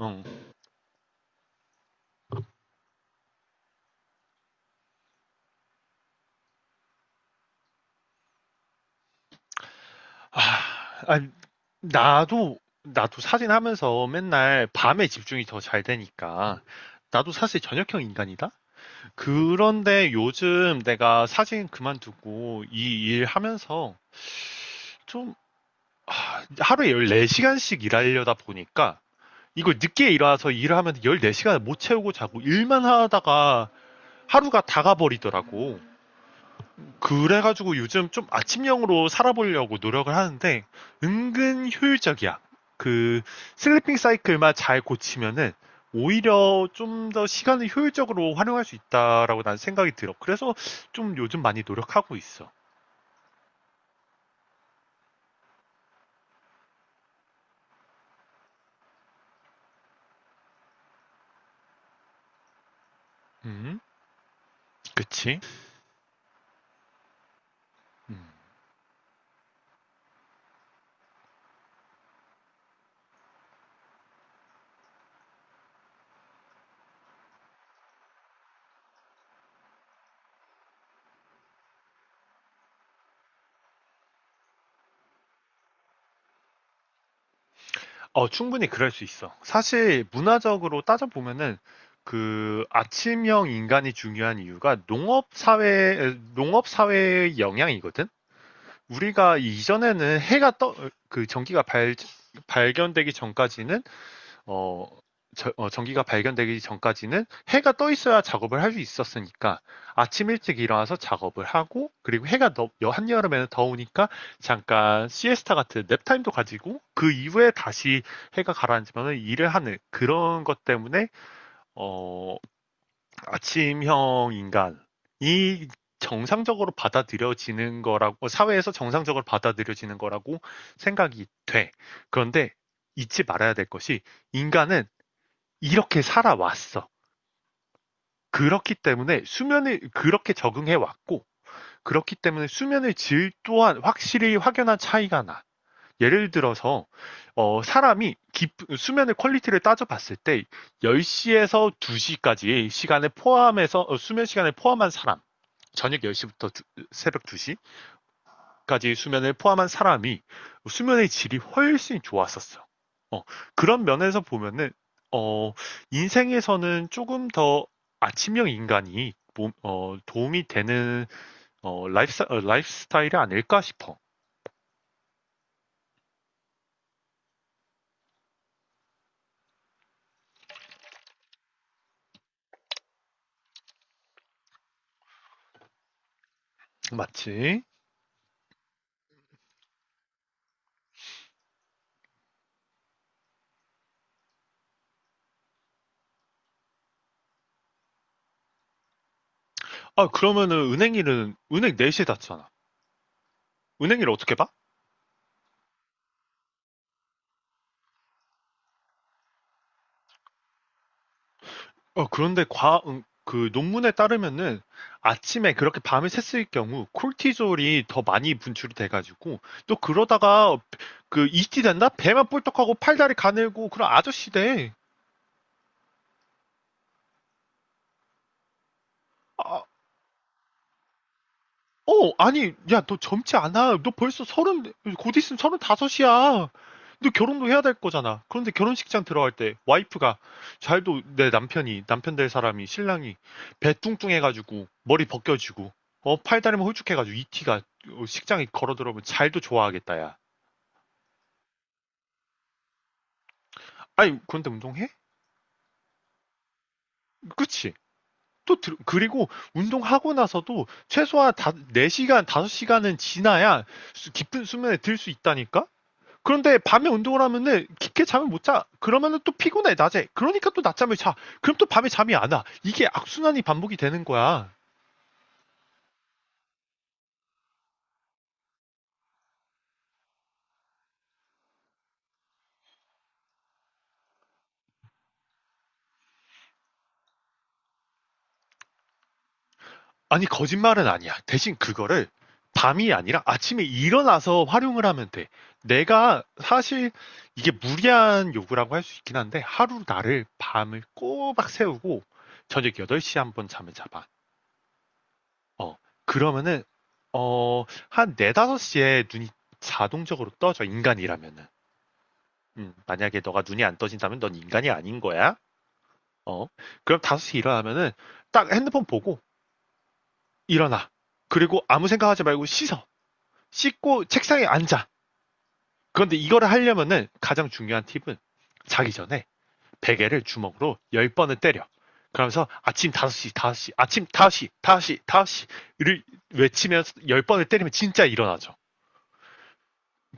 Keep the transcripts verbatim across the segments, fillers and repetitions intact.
응. 아, 나도, 나도 사진 하면서 맨날 밤에 집중이 더 잘 되니까. 나도 사실 저녁형 인간이다? 그런데 요즘 내가 사진 그만두고 이 일 하면서 좀 하루에 십사 시간씩 일하려다 보니까 이걸 늦게 일어나서 일을 하면 십사 시간을 못 채우고 자고 일만 하다가 하루가 다 가버리더라고. 그래가지고 요즘 좀 아침형으로 살아보려고 노력을 하는데 은근 효율적이야. 그 슬리핑 사이클만 잘 고치면은 오히려 좀 더 시간을 효율적으로 활용할 수 있다라고 난 생각이 들어. 그래서 좀 요즘 많이 노력하고 있어. 음. 그치? 음. 어, 충분히 그럴 수 있어. 사실 문화적으로 따져보면은 그 아침형 인간이 중요한 이유가 농업 사회, 농업 사회의 영향이거든? 우리가 이전에는 해가 떠, 그 전기가 발, 발견되기 전까지는, 어, 저- 어, 전기가 발견되기 전까지는 해가 떠 있어야 작업을 할 수 있었으니까 아침 일찍 일어나서 작업을 하고 그리고 해가 더 한여름에는 더우니까 잠깐 시에스타 같은 냅타임도 가지고 그 이후에 다시 해가 가라앉으면 일을 하는 그런 것 때문에 어, 아침형 인간이 정상적으로 받아들여지는 거라고 사회에서 정상적으로 받아들여지는 거라고 생각이 돼. 그런데 잊지 말아야 될 것이 인간은 이렇게 살아왔어. 그렇기 때문에 수면을 그렇게 적응해 왔고 그렇기 때문에 수면의 질 또한 확실히 확연한 차이가 나. 예를 들어서 어, 사람이 깊- 수면의 퀄리티를 따져봤을 때 열 시에서 두 시까지의 시간을 포함해서 어, 수면 시간을 포함한 사람 저녁 열 시부터 새벽 두 시까지 수면을 포함한 사람이 수면의 질이 훨씬 좋았었어. 어, 그런 면에서 보면은, 어, 인생에서는 조금 더 아침형 인간이 몸- 어, 도움이 되는 어, 라이프, 라이프스타일이 아닐까 싶어. 맞지? 아, 그러면은 은행 일은, 은행 네 시에 닫잖아. 은행 일 어떻게 봐? 어, 그런데 과, 음, 그 논문에 따르면은 아침에 그렇게 밤을 샜을 경우 콜티졸이 더 많이 분출이 돼가지고 또 그러다가 그 이티 된다? 배만 뿔떡하고 팔다리 가늘고 그런 아저씨 돼. 아, 어, 아니, 야, 너 젊지 않아. 너 벌써 서른, 곧 있으면 서른 다섯이야. 너 결혼도 해야 될 거잖아. 그런데 결혼식장 들어갈 때 와이프가 잘도 내 남편이 남편 될 사람이 신랑이 배 뚱뚱해가지고 머리 벗겨지고 어 팔다리만 홀쭉해가지고 이 티가 어, 식장에 걸어 들어오면 잘도 좋아하겠다야. 아니, 그런데 운동해? 그치? 또 들- 그리고 운동하고 나서도 최소한 다, 네 시간 다섯 시간은 지나야 수- 깊은 수면에 들 수 있다니까? 그런데 밤에 운동을 하면은 깊게 잠을 못 자. 그러면은 또 피곤해, 낮에. 그러니까 또 낮잠을 자. 그럼 또 밤에 잠이 안 와. 이게 악순환이 반복이 되는 거야. 아니, 거짓말은 아니야. 대신 그거를 밤이 아니라 아침에 일어나서 활용을 하면 돼. 내가 사실 이게 무리한 요구라고 할 수 있긴 한데 하루 나를 밤을 꼬박 세우고 저녁 여덟 시에 한 번 잠을 자봐. 어. 그러면은 어, 한 네, 다섯 시에 눈이 자동적으로 떠져, 인간이라면은. 음, 만약에 너가 눈이 안 떠진다면 넌 인간이 아닌 거야. 어. 그럼 다섯 시 일어나면은 딱 핸드폰 보고 일어나. 그리고 아무 생각하지 말고 씻어. 씻고 책상에 앉아. 그런데 이거를 하려면은 가장 중요한 팁은 자기 전에 베개를 주먹으로 열 번을 때려. 그러면서 아침 다섯 시, 다섯 시, 아침 다섯 시, 다섯 시, 다섯 시를 외치면서 열 번을 때리면 진짜 일어나죠.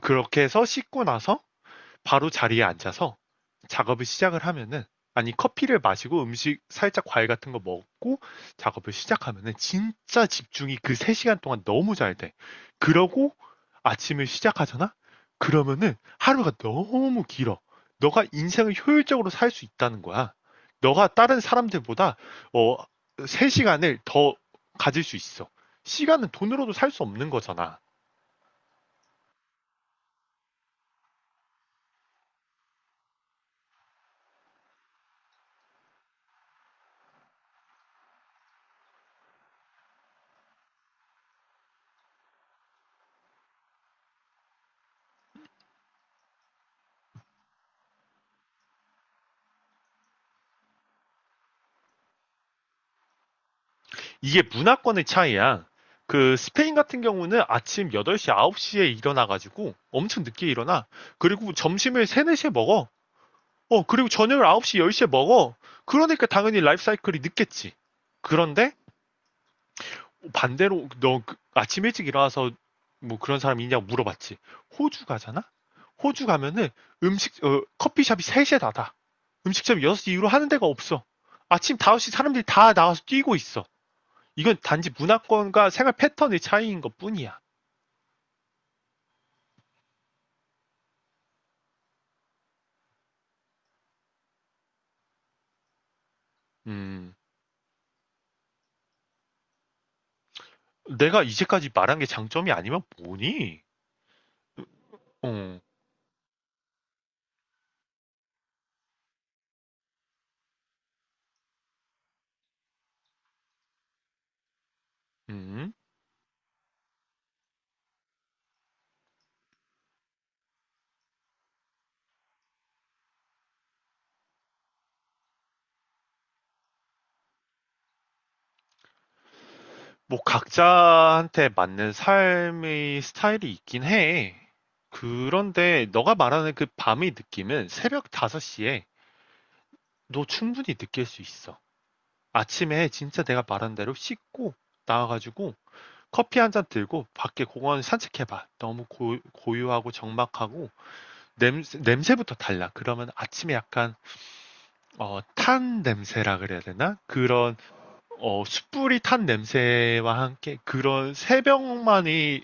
그렇게 해서 씻고 나서 바로 자리에 앉아서 작업을 시작을 하면은 아니 커피를 마시고 음식 살짝 과일 같은 거 먹고 작업을 시작하면은 진짜 집중이 그 세 시간 동안 너무 잘 돼. 그러고 아침을 시작하잖아? 그러면은 하루가 너무 길어. 너가 인생을 효율적으로 살 수 있다는 거야. 너가 다른 사람들보다 어 세 시간을 더 가질 수 있어. 시간은 돈으로도 살 수 없는 거잖아. 이게 문화권의 차이야. 그 스페인 같은 경우는 아침 여덟 시, 아홉 시에 일어나가지고 엄청 늦게 일어나. 그리고 점심을 세, 네 시에 먹어. 어, 그리고 저녁을 아홉 시, 열 시에 먹어. 그러니까 당연히 라이프 사이클이 늦겠지. 그런데 반대로 너그 아침 일찍 일어나서 뭐 그런 사람 있냐고 물어봤지. 호주 가잖아? 호주 가면은 음식, 어, 커피숍이 세 시에 닫아. 음식점이 여섯 시 이후로 하는 데가 없어. 아침 다섯 시 사람들이 다 나와서 뛰고 있어. 이건 단지 문화권과 생활 패턴의 차이인 것 뿐이야. 음, 내가 이제까지 말한 게 장점이 아니면 뭐니? 어, 음. 뭐 각자한테 맞는 삶의 스타일이 있긴 해. 그런데 너가 말하는 그 밤의 느낌은 새벽 다섯 시에 너 충분히 느낄 수 있어. 아침에 진짜 내가 말한 대로 씻고 나와가지고 커피 한 잔 들고 밖에 공원 산책해봐. 너무 고, 고요하고 적막하고 냄새 냄새부터 달라. 그러면 아침에 약간 어, 탄 냄새라 그래야 되나? 그런 어, 숯불이 탄 냄새와 함께 그런 새벽만이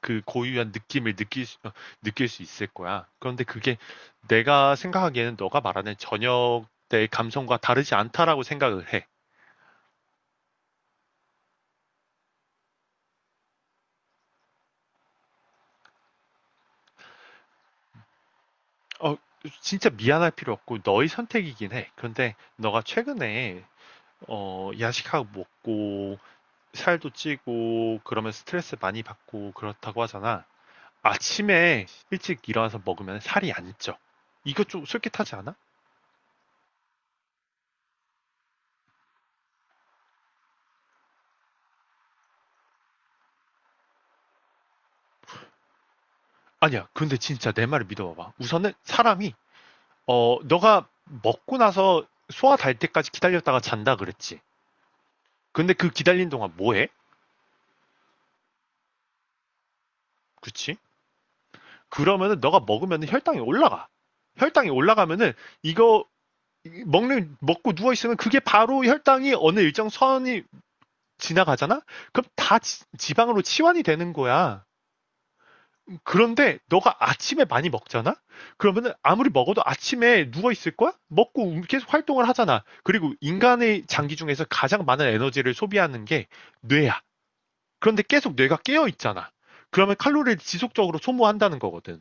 그 고유한 느낌을 느낄 수, 어, 느낄 수 있을 거야. 그런데 그게 내가 생각하기에는 너가 말하는 저녁 때의 감성과 다르지 않다라고 생각을 해. 어, 진짜 미안할 필요 없고 너의 선택이긴 해. 그런데 너가 최근에 어, 야식하고 먹고 살도 찌고 그러면 스트레스 많이 받고 그렇다고 하잖아. 아침에 일찍 일어나서 먹으면 살이 안 쪄. 이거 좀 솔깃하지 않아? 아니야. 근데 진짜 내 말을 믿어봐봐. 우선은 사람이 어 너가 먹고 나서 소화 달 때까지 기다렸다가 잔다 그랬지. 근데 그 기다린 동안 뭐해? 그치? 그러면은 너가 먹으면 혈당이 올라가. 혈당이 올라가면은 이거 먹는 먹고 누워 있으면 그게 바로 혈당이 어느 일정 선이 지나가잖아? 그럼 다 지, 지방으로 치환이 되는 거야. 그런데 너가 아침에 많이 먹잖아? 그러면은 아무리 먹어도 아침에 누워 있을 거야? 먹고 움- 계속 활동을 하잖아. 그리고 인간의 장기 중에서 가장 많은 에너지를 소비하는 게 뇌야. 그런데 계속 뇌가 깨어 있잖아. 그러면 칼로리를 지속적으로 소모한다는 거거든.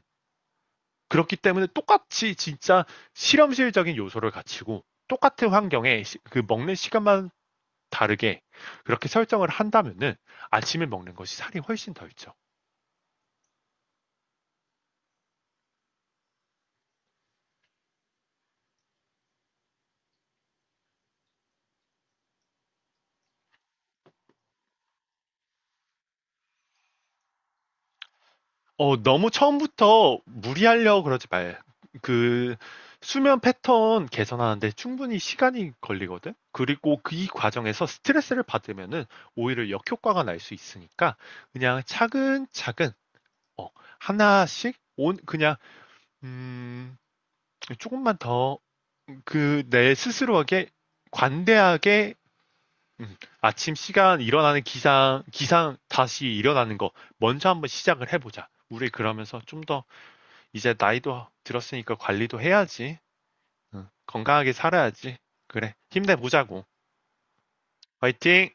그렇기 때문에 똑같이 진짜 실험실적인 요소를 갖추고 똑같은 환경에 시- 그 먹는 시간만 다르게 그렇게 설정을 한다면은 아침에 먹는 것이 살이 훨씬 덜 쪄. 어, 너무 처음부터 무리하려고 그러지 말. 그 수면 패턴 개선하는데 충분히 시간이 걸리거든. 그리고 그 이 과정에서 스트레스를 받으면은 오히려 역효과가 날 수 있으니까 그냥 차근차근 어, 하나씩 온 그냥 음, 조금만 더 그 내 스스로에게 관대하게 음, 아침 시간 일어나는 기상, 기상 다시 일어나는 거 먼저 한번 시작을 해보자. 우리 그러면서 좀 더 이제 나이도 들었으니까 관리도 해야지. 응, 건강하게 살아야지. 그래, 힘내보자고. 화이팅!